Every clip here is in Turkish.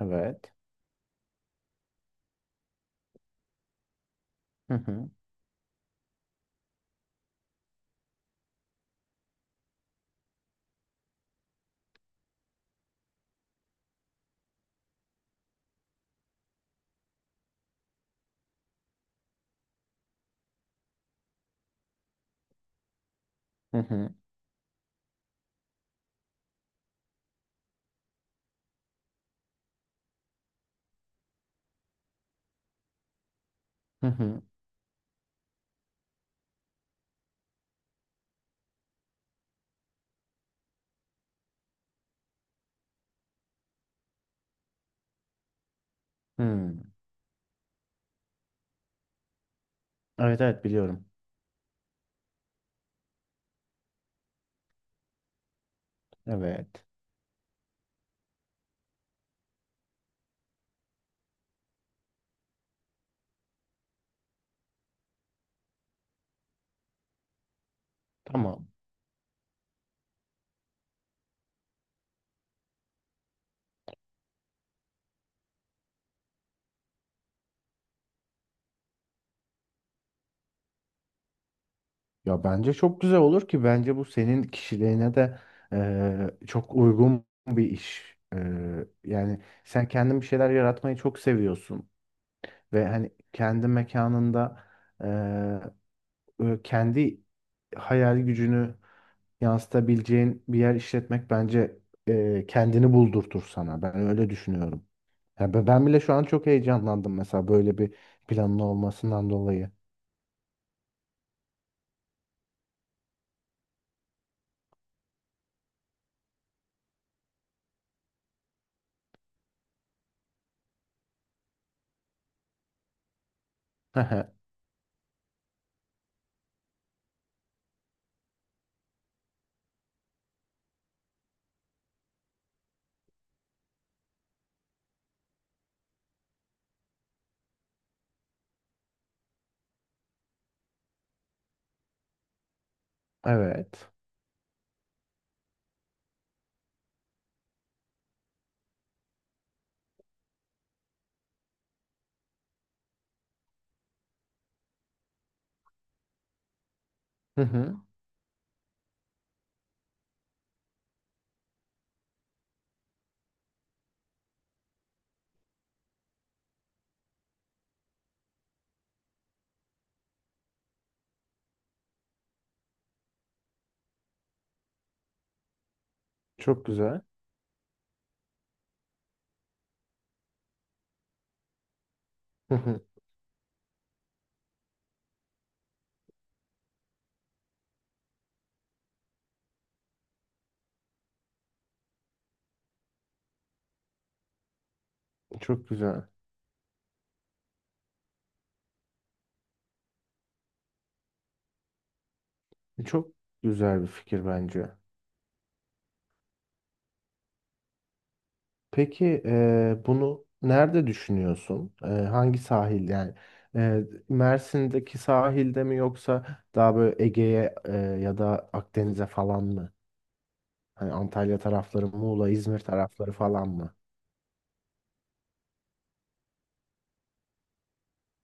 Evet. Hı hı. Hı hı. Hı hı. Hı. Evet, evet biliyorum. Evet. Tamam. Ya bence çok güzel olur ki bence bu senin kişiliğine de çok uygun bir iş. Yani sen kendin bir şeyler yaratmayı çok seviyorsun ve hani kendi mekanında e, kendi hayal gücünü yansıtabileceğin bir yer işletmek bence kendini buldurtur sana. Ben öyle düşünüyorum. Ya ben bile şu an çok heyecanlandım mesela böyle bir planın olmasından dolayı. Evet. Hı hı. Çok güzel. Hı hı. Çok güzel. Çok güzel bir fikir bence. Peki bunu nerede düşünüyorsun? Hangi sahil yani? Mersin'deki sahilde mi yoksa daha böyle Ege'ye ya da Akdeniz'e falan mı? Hani Antalya tarafları, Muğla, İzmir tarafları falan mı?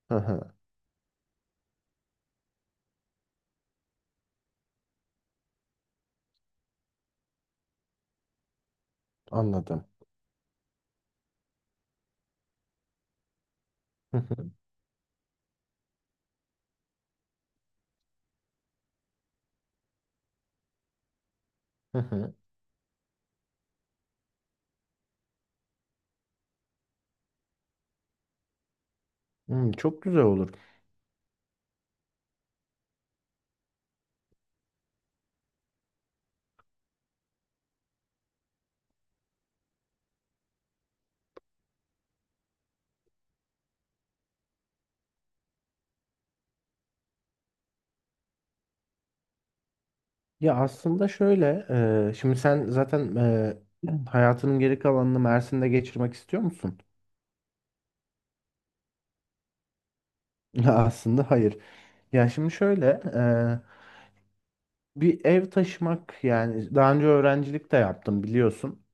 Hı hı. Anladım. Hı hı. Hı hı. Hmm, çok güzel olur. Ya aslında şöyle, şimdi sen zaten hayatının geri kalanını Mersin'de geçirmek istiyor musun? Ya aslında hayır. Ya şimdi şöyle, e, bir ev taşımak yani daha önce öğrencilik de yaptım biliyorsun.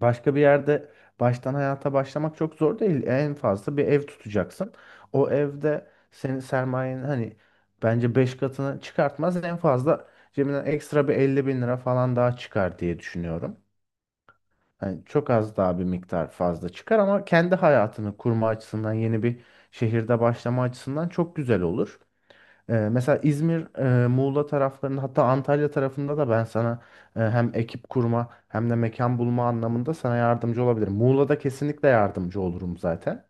Başka bir yerde baştan hayata başlamak çok zor değil. En fazla bir ev tutacaksın. O evde senin sermayenin hani bence 5 katını çıkartmaz. En fazla cebinden ekstra bir 50.000 lira falan daha çıkar diye düşünüyorum. Yani çok az daha bir miktar fazla çıkar ama kendi hayatını kurma açısından yeni bir şehirde başlama açısından çok güzel olur. Mesela İzmir, Muğla taraflarında hatta Antalya tarafında da ben sana hem ekip kurma hem de mekan bulma anlamında sana yardımcı olabilirim. Muğla'da kesinlikle yardımcı olurum zaten.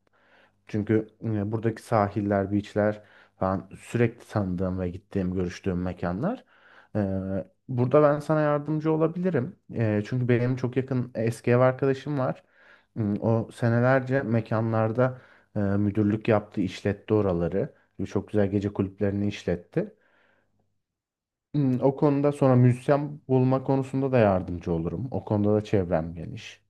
Çünkü buradaki sahiller, beachler falan sürekli tanıdığım ve gittiğim, görüştüğüm mekanlar. E, Burada ben sana yardımcı olabilirim. Çünkü benim çok yakın eski ev arkadaşım var. O senelerce mekanlarda müdürlük yaptı, işletti oraları. Çok güzel gece kulüplerini işletti. O konuda sonra müzisyen bulma konusunda da yardımcı olurum. O konuda da çevrem geniş.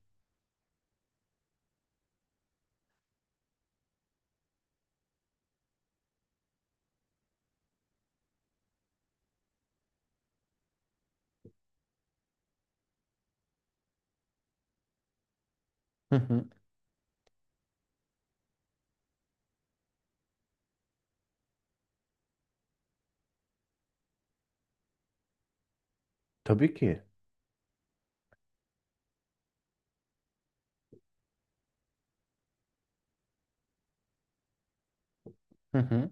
Hı hı. Tabii ki. Hı hı.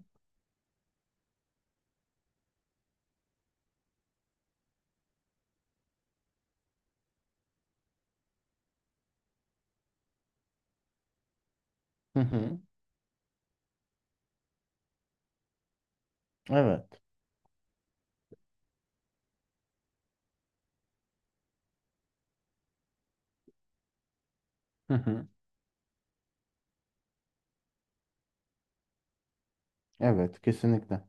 Hı hı. Evet. Evet, kesinlikle.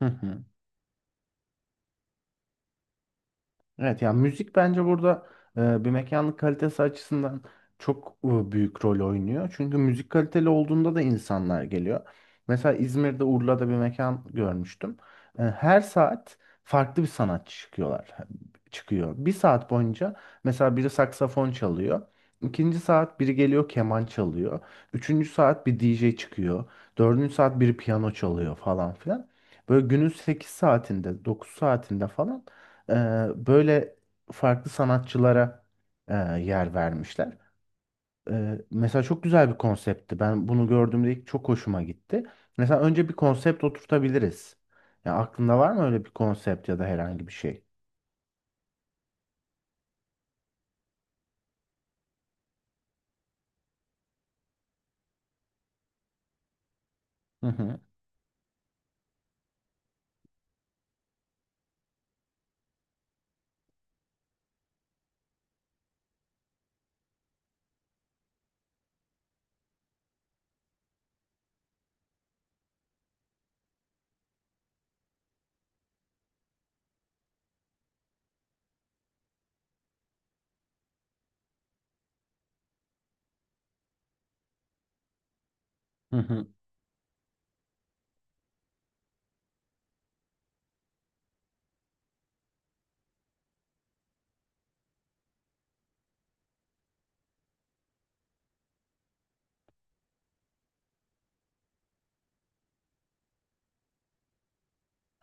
Hı hı. Evet yani müzik bence burada bir mekanlık kalitesi açısından çok büyük rol oynuyor. Çünkü müzik kaliteli olduğunda da insanlar geliyor. Mesela İzmir'de Urla'da bir mekan görmüştüm. Her saat farklı bir sanatçı çıkıyorlar. Çıkıyor. Bir saat boyunca mesela biri saksafon çalıyor. İkinci saat biri geliyor keman çalıyor. Üçüncü saat bir DJ çıkıyor. Dördüncü saat biri piyano çalıyor falan filan. Böyle günün 8 saatinde 9 saatinde falan e, böyle farklı sanatçılara yer vermişler. Mesela çok güzel bir konseptti. Ben bunu gördüğümde ilk çok hoşuma gitti. Mesela önce bir konsept oturtabiliriz. Ya aklında var mı öyle bir konsept ya da herhangi bir şey? Hı hı. Hı hı.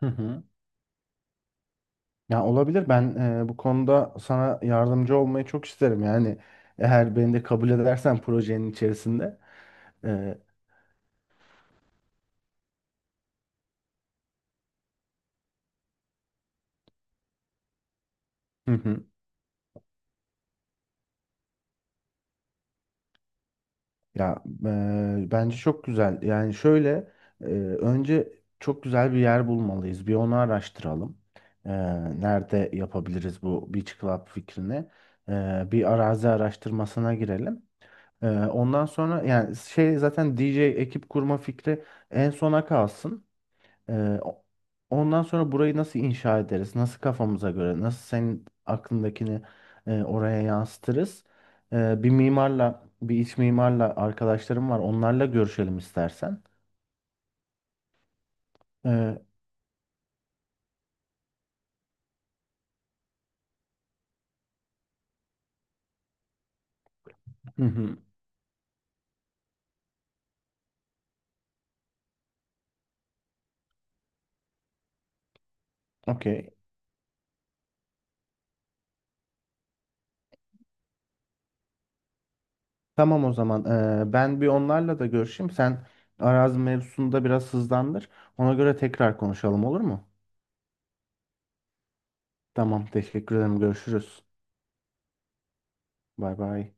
Hı hı. Ya olabilir. Ben bu konuda sana yardımcı olmayı çok isterim. Yani eğer beni de kabul edersen projenin içerisinde. E, hı hı. Ya bence çok güzel. Yani şöyle eee, önce çok güzel bir yer bulmalıyız. Bir onu araştıralım. Eee, Nerede yapabiliriz bu Beach Club fikrini? Bir arazi araştırmasına girelim. Ondan sonra yani şey zaten DJ ekip kurma fikri en sona kalsın. Ee, o- Ondan sonra burayı nasıl inşa ederiz? Nasıl kafamıza göre? Nasıl senin aklındakini oraya yansıtırız? Bir mimarla, bir iç mimarla arkadaşlarım var. Onlarla görüşelim istersen. Ee, hı hı, okey. Tamam o zaman. Ben bir onlarla da görüşeyim. Sen arazi mevzusunda biraz hızlandır. Ona göre tekrar konuşalım olur mu? Tamam, teşekkür ederim. Görüşürüz. Bay bay.